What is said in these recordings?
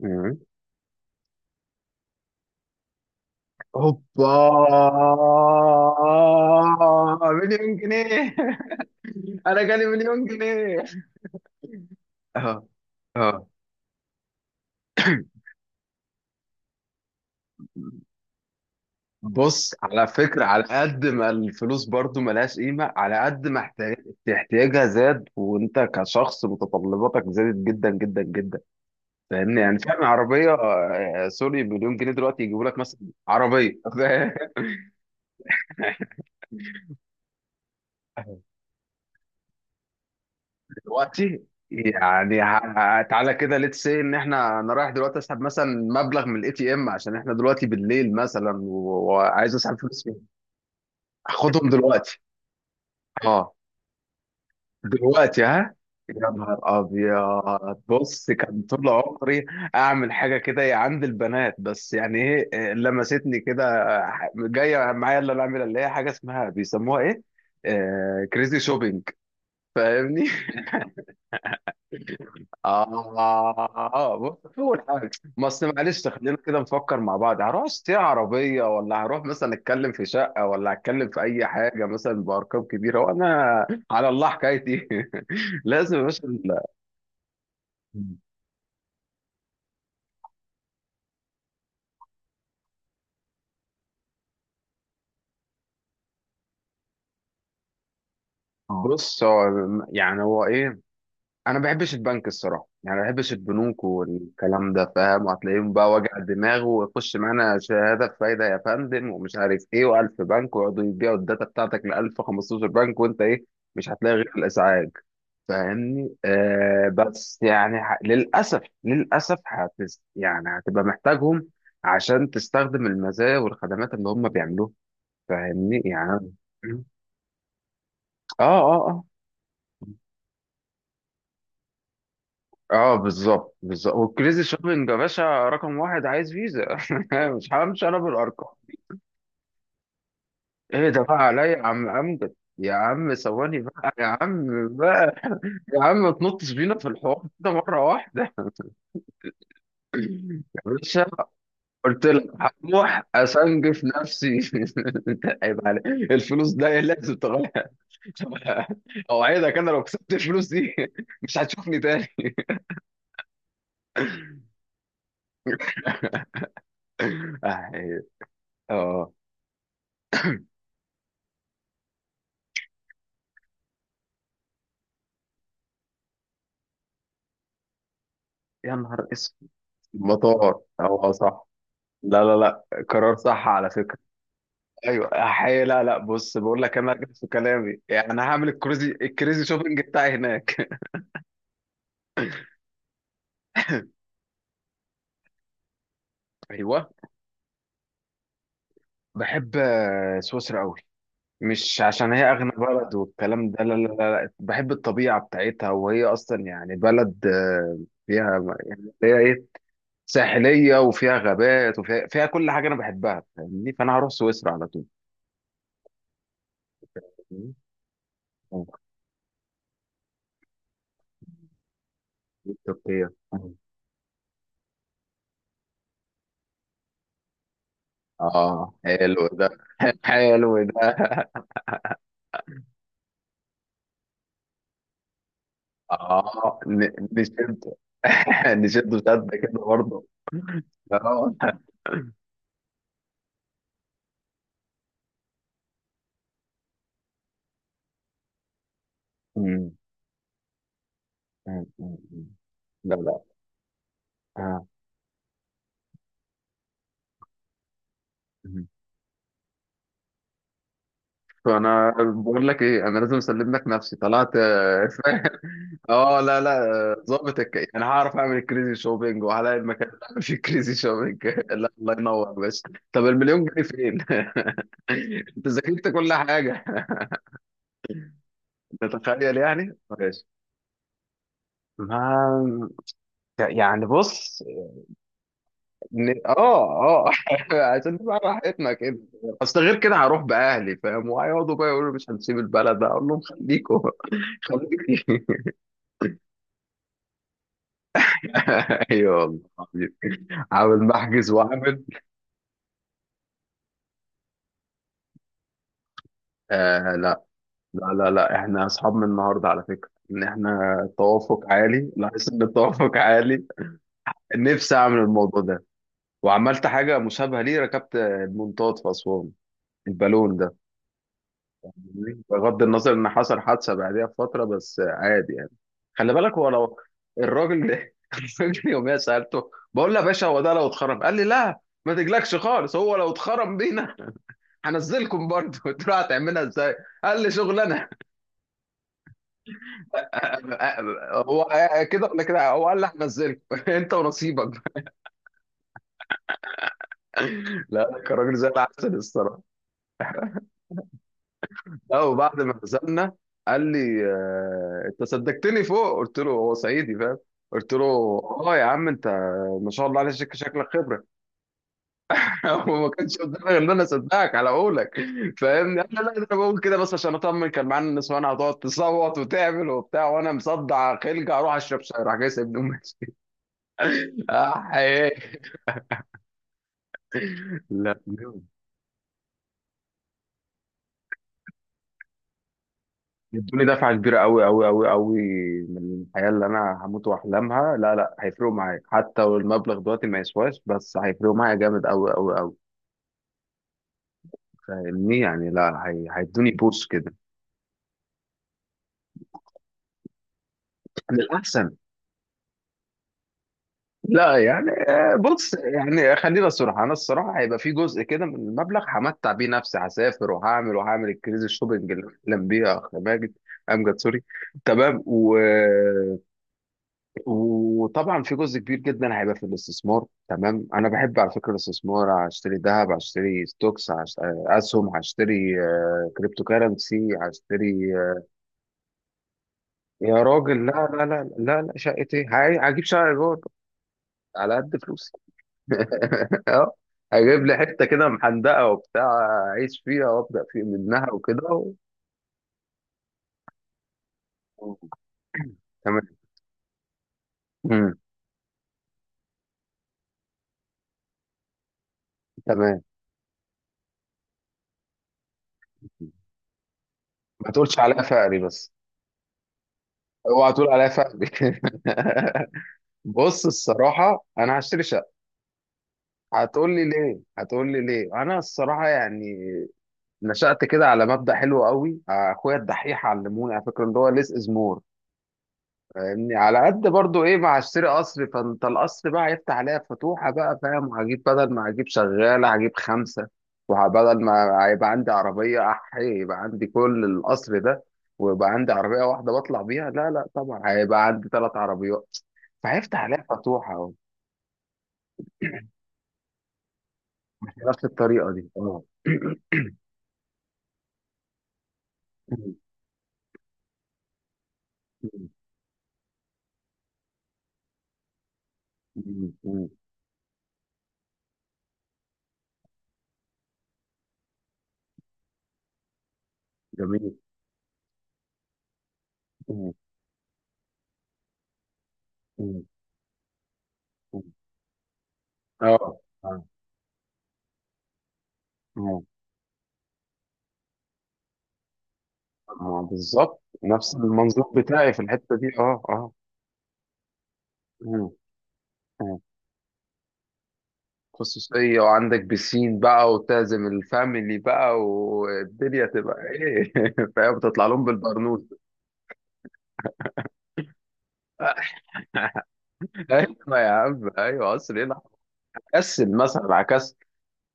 مم. هوبا، مليون جنيه. انا جالي مليون جنيه. اه اه. بص على فكرة، على قد ما الفلوس برضو ملهاش قيمة، على قد ما احتياجها زاد، وانت كشخص متطلباتك زادت جدا جدا جدا. فاهمني؟ يعني فاهم عربية سوري، مليون جنيه دلوقتي يجيبوا لك مثلا عربية. دلوقتي يعني تعالى كده، ليتس سي ان احنا، انا رايح دلوقتي اسحب مثلا مبلغ من الاي تي ام، عشان احنا دلوقتي بالليل مثلا و- وعايز اسحب فلوس فين؟ هاخدهم دلوقتي؟ اه، دلوقتي ها. يا نهار ابيض، بص كان طول عمري اعمل حاجه كده يا عند البنات، بس يعني ايه لمستني كده. جايه معايا اللي انا اعملها، اللي هي حاجه اسمها بيسموها ايه، آه، كريزي شوبينج. فاهمني؟ آه، بص أول حاجة، ما أصل معلش خلينا كده نفكر مع بعض، هروح أشتري عربية، ولا هروح مثلا أتكلم في شقة، ولا أتكلم في أي حاجة مثلا بأرقام كبيرة، وأنا على الله حكايتي. لازم يا باشا بص هو، يعني هو إيه، انا ما بحبش البنك الصراحه، يعني ما بحبش البنوك والكلام ده، فاهم؟ وهتلاقيهم بقى وجع دماغ، ويخش معانا شهاده بفايده يا فندم ومش عارف ايه، و1000 بنك ويقعدوا يبيعوا الداتا بتاعتك ل 1000 15 بنك، وانت ايه، مش هتلاقي غير الازعاج. فاهمني؟ آه، بس يعني للاسف يعني هتبقى محتاجهم عشان تستخدم المزايا والخدمات اللي هم بيعملوها. فاهمني يعني؟ أنا- اه آه. اه بالظبط بالظبط، والكريزي شوبينج يا باشا رقم واحد عايز فيزا. مش همشي انا بالارقام. ايه ده بقى عليا يا عم امجد، يا عم ثواني بقى، يا عم بقى، يا عم ما تنطش بينا في الحوار كده مره واحده. يا باشا، قلت لك هروح اسنجف نفسي. عيب عليك الفلوس ده، إيه لازم تغير. اوعدك انا لو كسبت الفلوس دي مش هتشوفني تاني. اه. آه. يا نهار اسود، المطار هو صح. لا لا لا، قرار صح على فكرة. ايوه حي، لا لا، بص بقول لك انا رجعت في كلامي، يعني انا هعمل الكريزي شوبينج بتاعي هناك. ايوه. بحب سويسرا قوي، مش عشان هي اغنى بلد والكلام ده، لا لا لا لا. بحب الطبيعه بتاعتها، وهي اصلا يعني بلد فيها، يعني فيها ايه، ساحليه وفيها غابات وفيها كل حاجه انا بحبها. فاهمني؟ فانا هروح سويسرا على طول. فاهمني؟ آه، تركيا. اه حلو ده، حلو ده. اه نشد. نشد شد كده برضه. اه. مم. مم. مم. لا لا. آه. مم. فانا بقول لك ايه، انا لازم اسلم لك نفسي، طلعت فاهم. اه. لا لا. ظابط انا هعرف اعمل كريزي شوبينج، وهلاقي المكان اللي اعمل فيه كريزي شوبينج. لا الله ينور بس. طب المليون جنيه فين؟ انت ذاكرت كل حاجه. تتخيل يعني، ماشي. ما يعني بص، اه. اه. عشان نبقى راحتنا كده، اصل غير كده هروح باهلي، فاهم؟ وهيقعدوا بقى يقولوا مش هنسيب البلد، اقول لهم خليكم خليكم. ايوه والله العظيم. عامل محجز وعامل آه. لا لا لا لا، احنا اصحاب من النهارده على فكره، ان احنا التوافق عالي، لاحظت ان التوافق عالي. نفسي اعمل الموضوع ده، وعملت حاجه مشابهه ليه، ركبت المنطاد في اسوان، البالون ده، بغض النظر ان حصل حادثه بعديها بفتره، بس عادي يعني. خلي بالك، هو لو الراجل ده الراجل يوميا سالته، بقول له يا باشا هو ده لو اتخرم، قال لي لا ما تجلكش خالص، هو لو اتخرم بينا هنزلكم برضه. قلت له هتعملها ازاي، قال لي شغلانه. هو كده ولا كده، هو قال لي هنزلكم انت ونصيبك. لا الراجل زي العسل الصراحه. لا وبعد ما نزلنا قال لي انت صدقتني فوق، قلت له هو صعيدي فاهم، قلت له اه يا عم انت ما شاء الله عليك، شكلك خبره. هو ما كانش قدامي غير ان انا اصدقك على قولك. فاهمني؟ قال لي لا ده انا بقول كده بس عشان اطمن، كان معانا النسوان هتقعد تصوت وتعمل وبتاع، وانا مصدع خلقه، اروح اشرب شاي راح جاي سايبني وماشي. إيه. لا، يدوني دفعة كبيرة أوي أوي أوي أوي من الحياة اللي أنا هموت وأحلامها. لا لا هيفرقوا معايا حتى لو المبلغ دلوقتي ما يسواش، بس هيفرقوا معايا جامد أوي أوي أوي. فاهمني يعني؟ لا هيدوني بوس كده. للأحسن. لا يعني بص، يعني خلينا صراحة، أنا الصراحة هيبقى في جزء كده من المبلغ همتع بيه نفسي، هسافر وهعمل وهعمل الكريزي الشوبينج اللي بحلم بيها، يا أخ ماجد، أمجد سوري. تمام. و، وطبعا في جزء كبير جدا هيبقى في الاستثمار. تمام، انا بحب على فكره الاستثمار، هشتري ذهب، هشتري ستوكس، اسهم، هشتري كريبتو كارنسي، هشتري يا راجل لا لا لا لا لا، شقه ايه، هجيب شقه ايجار على قد فلوسي. اه، هجيب لي حته كده محندقه وبتاع، اعيش فيها وابدا في منها وكده و... تمام. مم. تمام. ما تقولش عليا فقري بس. اوعى تقول عليا فقري. بص الصراحة أنا هشتري شقة، هتقول لي ليه، هتقول لي ليه. أنا الصراحة يعني نشأت كده على مبدأ حلو قوي، أخويا الدحيح علموني على فكرة، اللي هو ليس إز مور. فاهمني؟ على قد برضو إيه، ما هشتري قصر، فأنت القصر بقى هيفتح عليا فتوحة بقى، فاهم؟ وهجيب بدل ما هجيب شغالة هجيب خمسة، وبدل ما هيبقى عندي عربية أحي يبقى عندي كل القصر ده، ويبقى عندي عربية واحدة بطلع بيها، لا لا طبعا هيبقى عندي 3 عربيات، فهيفتح عليها فتوحة. بنفس الطريقة دي اه. جميل. اه اه آه، بالظبط نفس المنظور بتاعي في الحتة دي، اه اه. آه، آه. خصوصية، وعندك بسين بقى، وتعزم الفاميلي بقى، والدنيا تبقى ايه، فاهم، تطلع لهم بالبرنوس. ايوه يا عم، ايوه قصر ايه. كسل مثلا، عكس.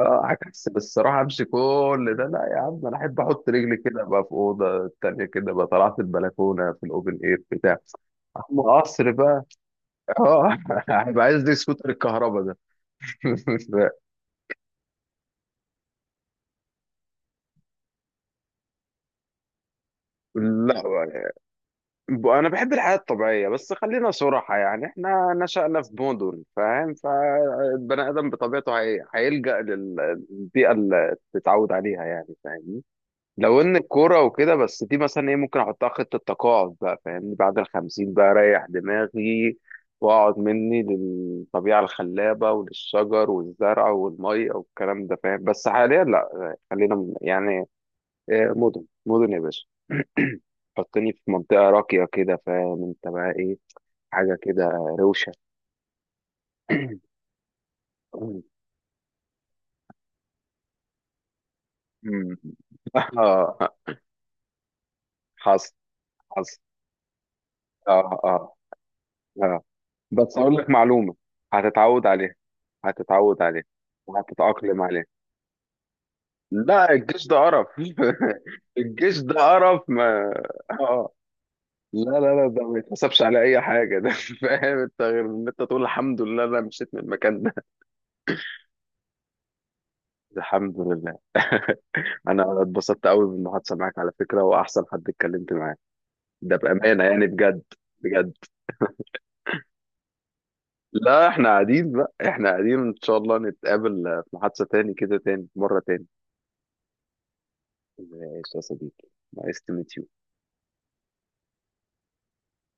اه عكس بالصراحه، امشي كل ده، لا يا عم انا احب احط رجلي كده بقى في اوضه التانيه كده بقى، طلعت البلكونه في الاوبن اير بتاع. اما قصر بقى، اه هيبقى عايز دي سكوتر الكهرباء ده. لا. انا بحب الحياه الطبيعيه، بس خلينا صراحه يعني، احنا نشأنا في مدن، فاهم؟ فالبني ادم بطبيعته هيلجأ للبيئه اللي تتعود عليها، يعني فاهم؟ لو ان الكوره وكده بس، دي مثلا ايه، ممكن احطها خطه تقاعد بقى، فاهمني؟ بعد الـ50 بقى اريح دماغي، واقعد مني للطبيعه الخلابه وللشجر والزرع والميه والكلام ده، فاهم؟ بس حاليا لا، خلينا يعني مدن مدن يا باشا. حطني في منطقه راقيه كده، فاهم انت بقى ايه، حاجه كده روشه. مم. اه. حصل، حصل. اه اه. بس اقول لك معلومه، هتتعود عليها، هتتعود عليها، وهتتأقلم عليها. لا الجيش ده قرف. الجيش ده قرف ما. اه، لا لا لا، ده ما يتحسبش على اي حاجه ده، فاهم انت، غير ان انت تقول الحمد لله انا مشيت من المكان ده. الحمد لله. انا اتبسطت قوي بالمحادثه معاك على فكره، واحسن حد اتكلمت معاه، ده بامانه يعني، بجد بجد. لا احنا قاعدين بقى، احنا قاعدين ان شاء الله نتقابل في محادثه تاني كده، تاني مره تاني. إذا إيش وصديقي، ما إستمتعت.